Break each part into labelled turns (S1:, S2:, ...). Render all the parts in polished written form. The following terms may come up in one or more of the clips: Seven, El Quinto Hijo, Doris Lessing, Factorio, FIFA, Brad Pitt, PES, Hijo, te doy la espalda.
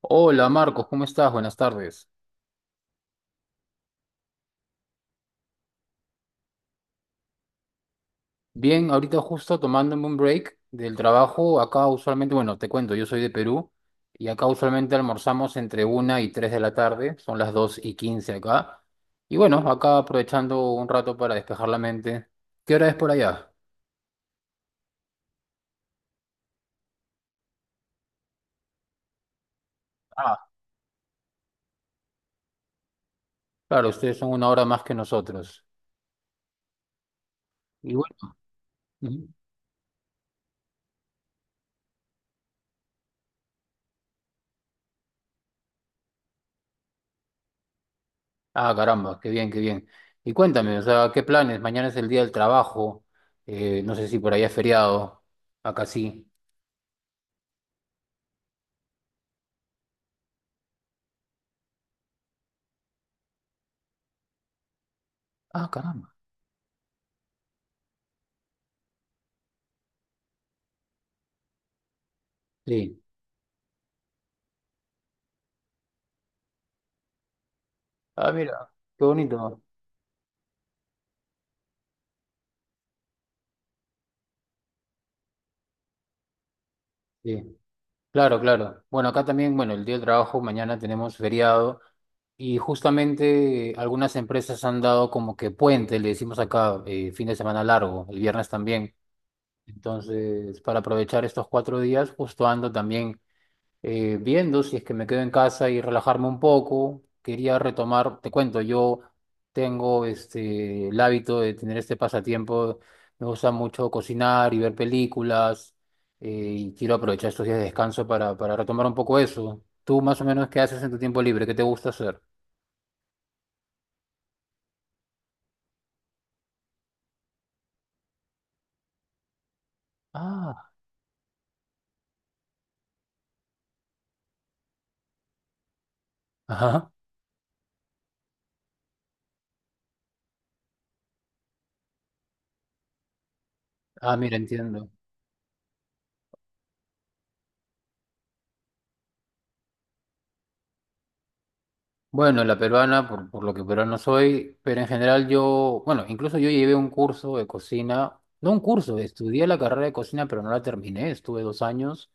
S1: Hola Marcos, ¿cómo estás? Buenas tardes. Bien, ahorita justo tomándome un break del trabajo. Acá usualmente, bueno, te cuento, yo soy de Perú y acá usualmente almorzamos entre una y 3 de la tarde, son las 2:15 acá. Y bueno, acá aprovechando un rato para despejar la mente. ¿Qué hora es por allá? Ah, claro, ustedes son 1 hora más que nosotros. Y bueno, ujú. Ah, caramba, qué bien, qué bien. Y cuéntame, o sea, ¿qué planes? Mañana es el día del trabajo, no sé si por allá es feriado, acá sí. Ah, caramba. Sí. Ah, mira, qué bonito. Sí. Claro, claro. Bueno, acá también, bueno, el día del trabajo, mañana tenemos feriado y justamente algunas empresas han dado como que puente, le decimos acá, fin de semana largo, el viernes también. Entonces, para aprovechar estos 4 días, justo ando también, viendo si es que me quedo en casa y relajarme un poco. Quería retomar, te cuento, yo tengo este, el hábito de tener este pasatiempo. Me gusta mucho cocinar y ver películas eh, y quiero aprovechar estos días de descanso para retomar un poco eso. ¿Tú más o menos qué haces en tu tiempo libre? ¿Qué te gusta hacer? Ah, ajá. Ah, mira, entiendo. Bueno, la peruana, por lo que peruano soy, pero en general yo, bueno, incluso yo llevé un curso de cocina, no un curso, estudié la carrera de cocina, pero no la terminé, estuve 2 años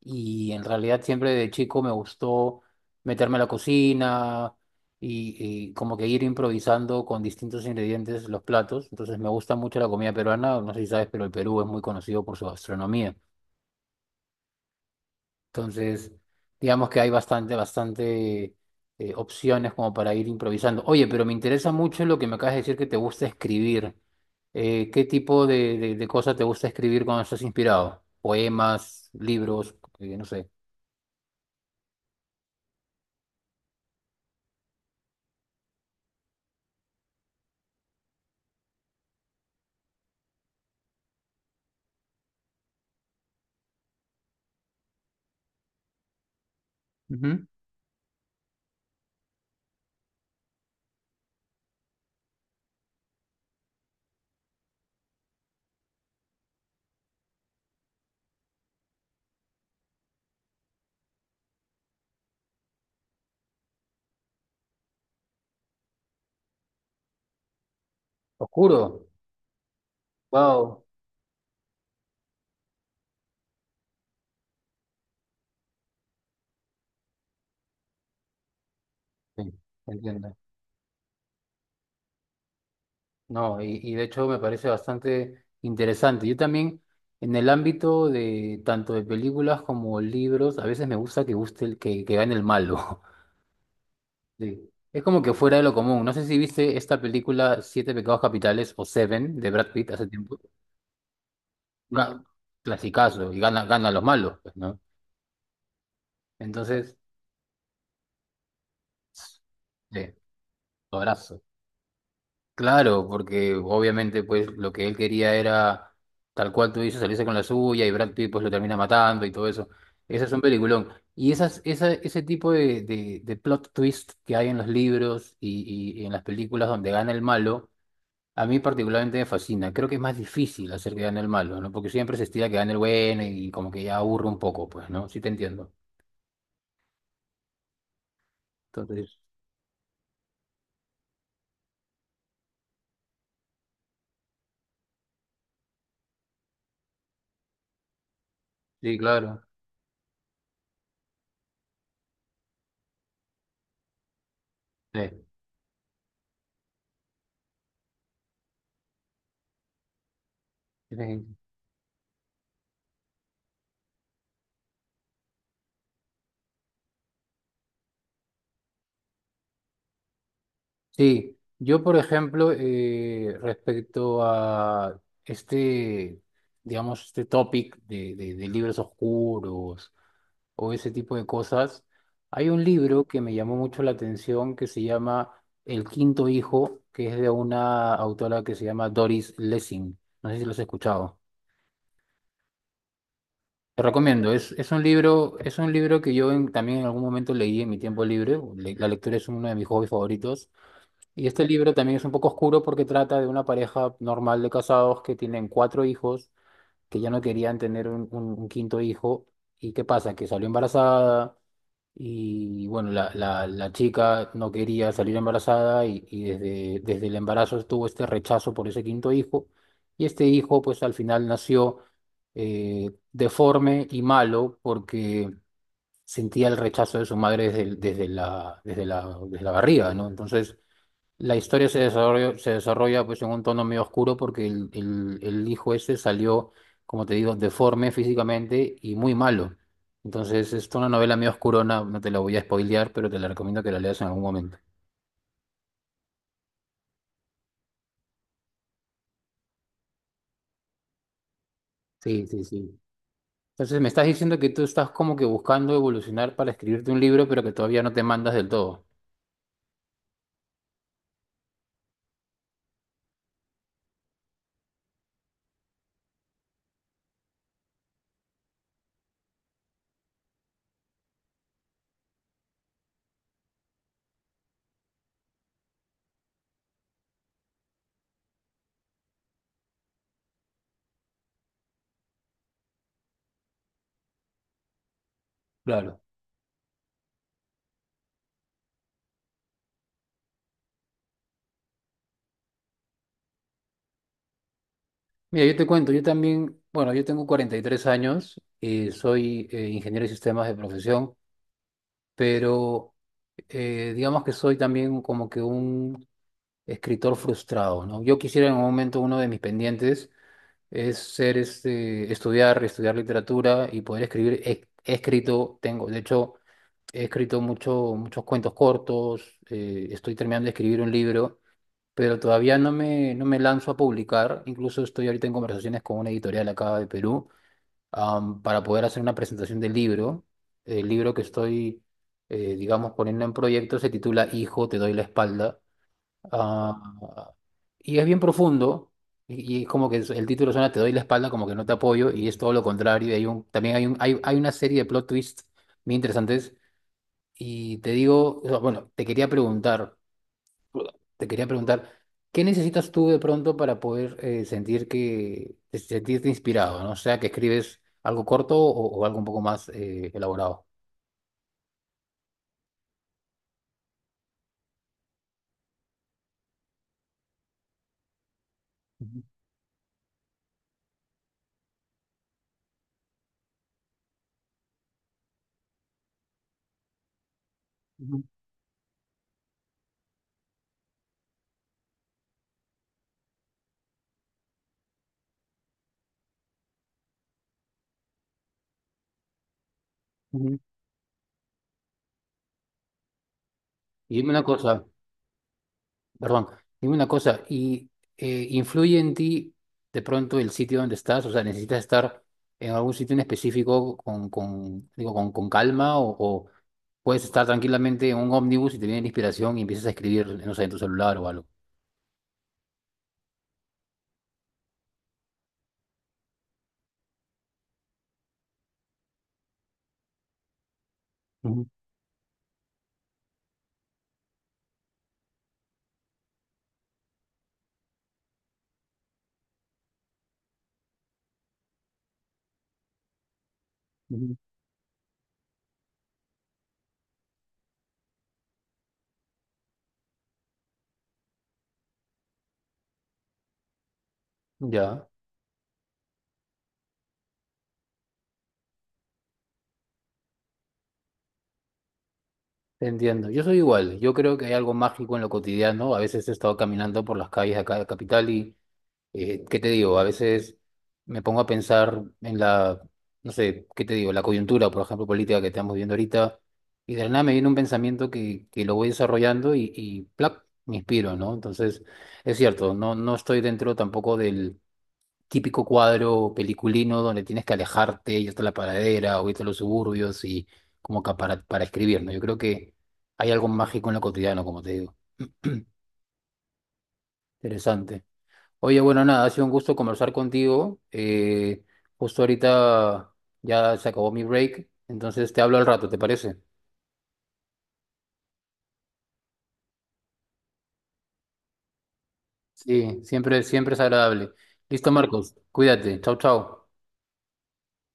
S1: y en realidad siempre de chico me gustó meterme a la cocina y como que ir improvisando con distintos ingredientes los platos, entonces me gusta mucho la comida peruana, no sé si sabes, pero el Perú es muy conocido por su gastronomía. Entonces, digamos que hay bastante, bastante opciones como para ir improvisando. Oye, pero me interesa mucho lo que me acabas de decir que te gusta escribir. ¿Qué tipo de cosas te gusta escribir cuando estás inspirado? Poemas, libros, no sé. Ujú. Oscuro. Wow. Sí, entiendo. No, y de hecho me parece bastante interesante. Yo también, en el ámbito de tanto de películas como libros, a veces me gusta que guste el, que gane el malo. Sí. Es como que fuera de lo común. No sé si viste esta película Siete Pecados Capitales o Seven de Brad Pitt hace tiempo. Ga- Clasicazo, y gana a los malos, pues, ¿no? Entonces, sí, abrazo. Claro, porque obviamente pues lo que él quería era, tal cual tú dices, salirse con la suya y Brad Pitt pues lo termina matando y todo eso. Ese es un peliculón. Y ese tipo de plot twist que hay en los libros y en las películas donde gana el malo. A mí particularmente me fascina. Creo que es más difícil hacer que gane el malo, ¿no? Porque siempre se estila que gane el bueno y como que ya aburre un poco, pues, ¿no? Sí te entiendo. Entonces, sí, claro. Sí, sí. Sí. Yo, por ejemplo, respecto a este, digamos, este topic de libros oscuros o ese tipo de cosas. Hay un libro que me llamó mucho la atención que se llama El Quinto Hijo, que es de una autora que se llama Doris Lessing. No sé si lo has escuchado. Te recomiendo, es un libro que yo también en algún momento leí en mi tiempo libre. La lectura es uno de mis hobbies favoritos. Y este libro también es un poco oscuro porque trata de una pareja normal de casados que tienen 4 hijos, que ya no querían tener un quinto hijo. ¿Y qué pasa? Que salió embarazada. Y bueno, la chica no quería salir embarazada y desde, desde el embarazo tuvo este rechazo por ese quinto hijo. Y este hijo pues al final nació deforme y malo porque sentía el rechazo de su madre desde la barriga, ¿no? Entonces la historia se desarrolla pues en un tono medio oscuro porque el hijo este salió, como te digo, deforme físicamente y muy malo. Entonces es una novela medio oscurona, no te la voy a spoilear, pero te la recomiendo que la leas en algún momento. Sí, sí, sí. Entonces me estás diciendo que tú estás como que buscando evolucionar para escribirte un libro, pero que todavía no te mandas del todo. Claro. Mira, yo te cuento, yo también, bueno, yo tengo 43 años, soy ingeniero de sistemas de profesión, pero... digamos que soy también como que un escritor frustrado, ¿no? Yo quisiera en un momento uno de mis pendientes es ser este, estudiar literatura y poder escribir. He escrito, tengo, de hecho, he escrito mucho, muchos cuentos cortos, estoy terminando de escribir un libro, pero todavía no me lanzo a publicar. Incluso estoy ahorita en conversaciones con una editorial acá de Perú, para poder hacer una presentación del libro. El libro que estoy, digamos, poniendo en proyecto se titula Hijo, te doy la espalda. Ah, y es bien profundo. Y como que el título suena Te doy la espalda, como que no te apoyo, y es todo lo contrario. Y hay un, también hay, un, hay, una serie de plot twists muy interesantes. Y te digo, o sea, bueno, te quería preguntar. Te quería preguntar, ¿qué necesitas tú de pronto para poder sentir sentirte inspirado, ¿no? O sea, que escribes algo corto o algo un poco más elaborado. Ujú, ujú, ujú. Y dime una cosa, perdón, dime una cosa, ¿y influye en ti de pronto el sitio donde estás? O sea, ¿necesitas estar en algún sitio en específico digo, con calma o puedes estar tranquilamente en un ómnibus y te viene la inspiración y empiezas a escribir, no sé, en tu celular o algo? Ujú, ujú. Ya. Te entiendo. Yo soy igual. Yo creo que hay algo mágico en lo cotidiano. A veces he estado caminando por las calles de acá de Capital y, ¿qué te digo? A veces me pongo a pensar en la, no sé, ¿qué te digo? La coyuntura, por ejemplo, política que estamos viviendo ahorita. Y de la nada me viene un pensamiento que lo voy desarrollando y ¡plac! Me inspiro, ¿no? Entonces, es cierto, no, no estoy dentro tampoco del típico cuadro peliculino donde tienes que alejarte, y hasta la paradera o irte a los suburbios y como que para escribir, ¿no? Yo creo que hay algo mágico en lo cotidiano, como te digo. Interesante. Oye, bueno, nada, ha sido un gusto conversar contigo. Justo ahorita ya se acabó mi break, entonces te hablo al rato, ¿te parece? Sí, siempre, siempre es agradable. Listo, Marcos, cuídate. Chau, chau.